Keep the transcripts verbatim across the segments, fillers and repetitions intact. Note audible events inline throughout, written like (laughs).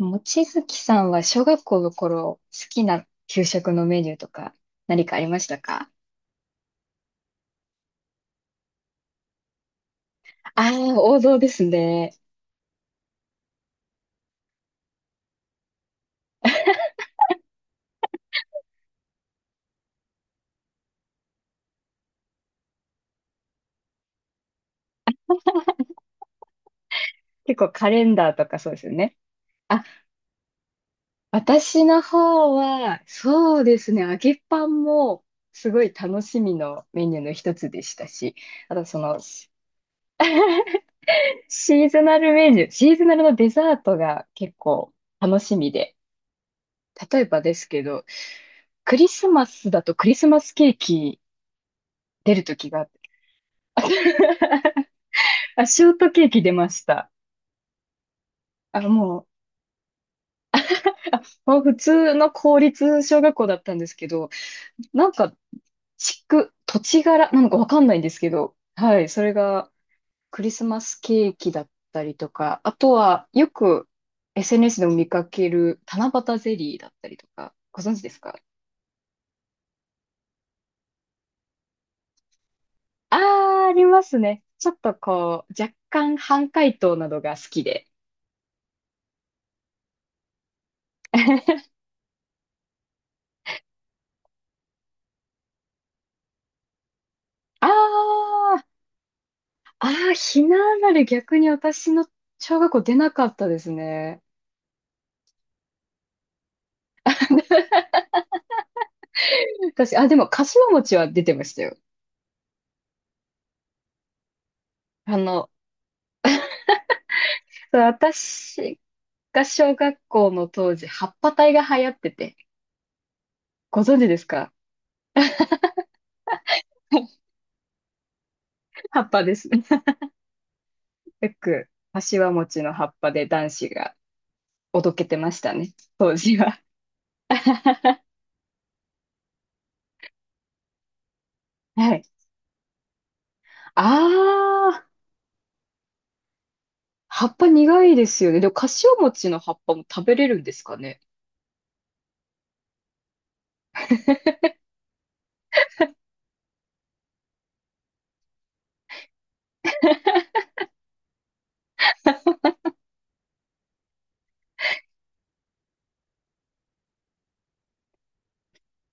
望月さんは小学校の頃、好きな給食のメニューとか何かありましたか？ああー、王道ですね。結構カレンダーとかそうですよね。あ、私の方は、そうですね、揚げパンもすごい楽しみのメニューの一つでしたし、あとその、(laughs) シーズナルメニュー、シーズナルのデザートが結構楽しみで。例えばですけど、クリスマスだとクリスマスケーキ出る時があって、 (laughs) あ、ショートケーキ出ました。あ、もう、もう普通の公立小学校だったんですけど、なんか、地区、土地柄なのかわかんないんですけど、はい、それがクリスマスケーキだったりとか、あとはよく エスエヌエス でも見かける七夕ゼリーだったりとか、ご存知ですか？ああー、ありますね。ちょっとこう、若干半解凍などが好きで。(laughs) ああ、ああ、ひなあられ逆に私の小学校出なかったですね。私、あ、でも、かしわ餅は出てましたよ。あの、そう私が小学校の当時、葉っぱ隊が流行ってて、ご存知ですか？ (laughs) 葉っぱです。よく、かしわ餅の葉っぱで男子がおどけてましたね、当時は。(laughs) はい。ああ、葉っぱ苦いですよね。でも、かしわ餅の葉っぱも食べれるんですかね。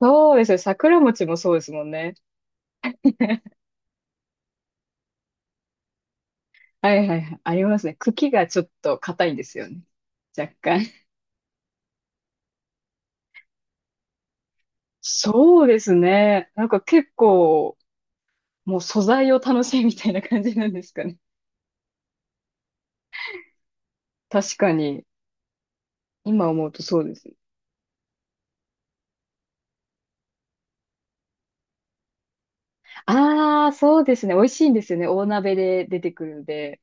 そうですよ。桜餅もそうですもんね。はいはいはい。ありますね。茎がちょっと硬いんですよね。若干。そうですね。なんか結構、もう素材を楽しいみたいな感じなんですかね。確かに。今思うとそうですね。ああ、そうですね。美味しいんですよね。大鍋で出てくるんで。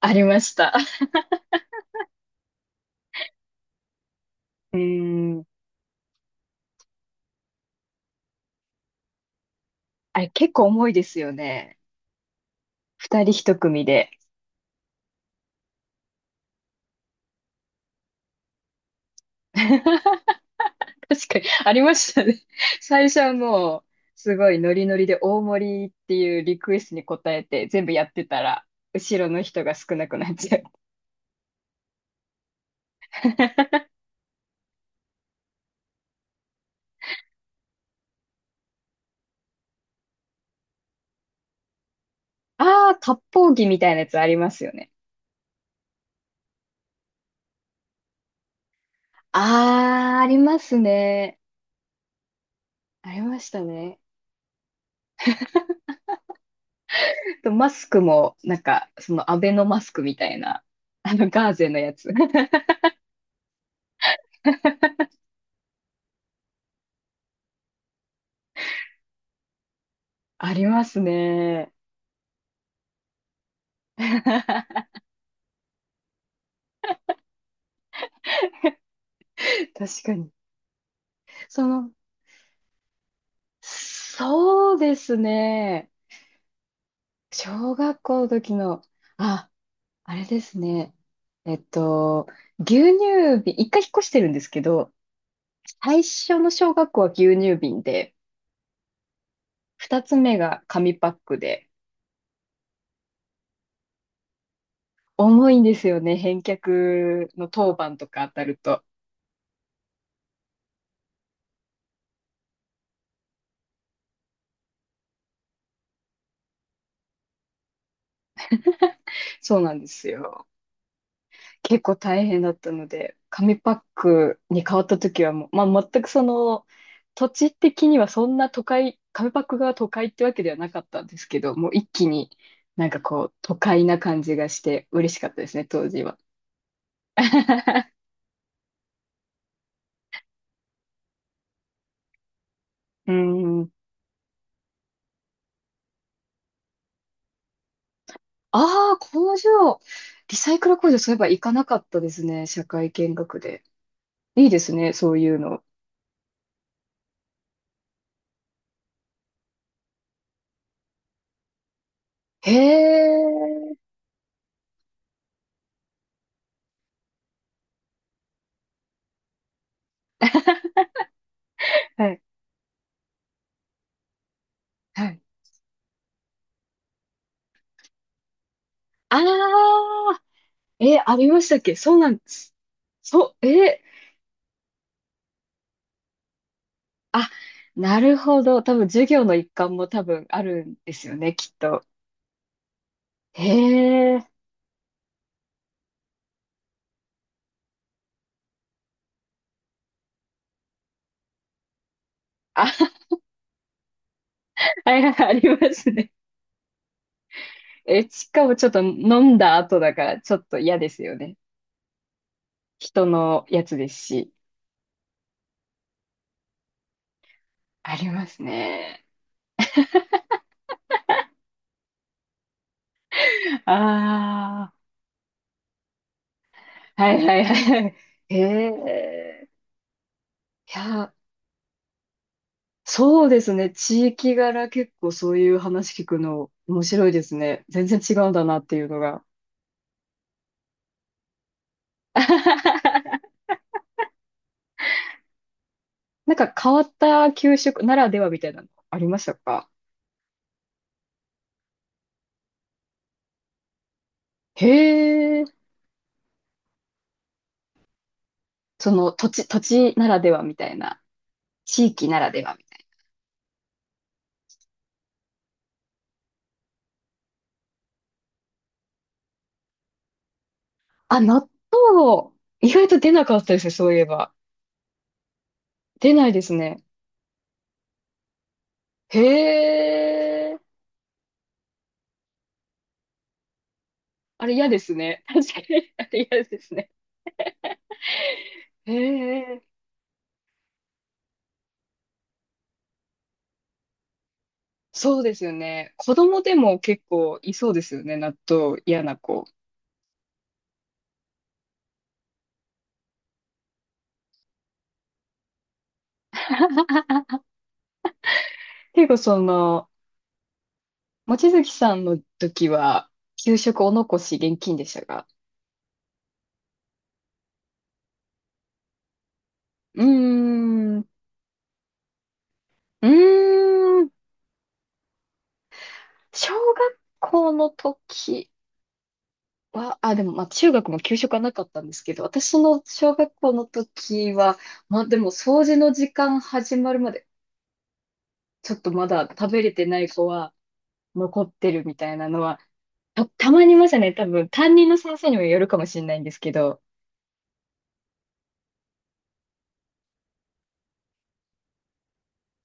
ありました。うーん。あれ結構重いですよね。ふたりひとくみで。(laughs) (laughs) 確かに、ありましたね。(laughs) 最初はもう、すごいノリノリで大盛りっていうリクエストに応えて全部やってたら、後ろの人が少なくなっちゃう。(laughs) ああ、割烹着みたいなやつありますよね。ああ、ありますね。ありましたね。とマスクも、なんか、そのアベノマスクみたいな、あのガーゼのやつ。(laughs) ありますね。(laughs) 確かに。その、そうですね。小学校の時の、あ、あれですね。えっと、牛乳瓶、いっかい引っ越してるんですけど、最初の小学校は牛乳瓶で、ふたつめが紙パックで、重いんですよね。返却の当番とか当たると。そうなんですよ。結構大変だったので、紙パックに変わった時はもう、まあ全くその、土地的にはそんな都会、紙パックが都会ってわけではなかったんですけど、もう一気になんかこう、都会な感じがして嬉しかったですね、当時は。(laughs) うん。ああ、工場。リサイクル工場、そういえば行かなかったですね。社会見学で。いいですね、そういうの。へえ。はい。はい。ああ、え、ありましたっけ？そうなんです。そう、え、あ、なるほど。多分授業の一環も多分あるんですよね、きっと。へえ。あ、(laughs) はいはい、ありますね。え、しかもちょっと飲んだ後だから、ちょっと嫌ですよね。人のやつですし。ありますね。ああ、はいはいはいはい。へえ。いや、そうですね。地域柄結構そういう話聞くの面白いですね。全然違うんだなっていうのが。(laughs) なんか変わった給食ならではみたいなのありましたか？へえ、その土地、土地ならではみたいな、地域ならではみたいな。あ、納豆、意外と出なかったですね、そういえば。出ないですね。へえ、あれ嫌ですね。確かに、あれ嫌ですね。へえ、そうですよね。子供でも結構いそうですよね、納豆嫌な子。結構その、望月さんの時は、給食お残し現金でしたか？うーん、うーん、小学校の時は、あ、でも、まあ、中学も給食はなかったんですけど、私の小学校の時は、まあ、でも、掃除の時間始まるまで、ちょっとまだ食べれてない子は残ってるみたいなのは、た、たまにいましたね。多分、担任の先生にもよるかもしれないんですけど、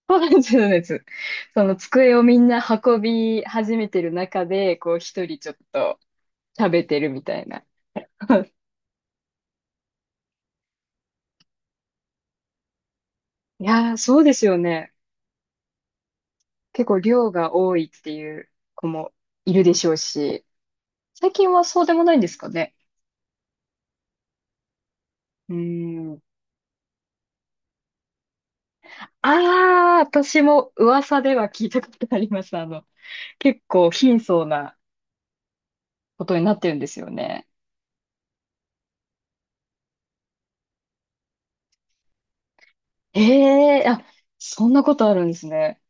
そうなんです。その机をみんな運び始めてる中で、こう、一人ちょっと食べてるみたいな。(laughs) いやー、そうですよね。結構量が多いっていう子もいるでしょうし、最近はそうでもないんですかね。うーん。ああ、私も噂では聞いたことあります。あの、結構貧相なことになってるんですよね。ええあ、そんなことあるんですね。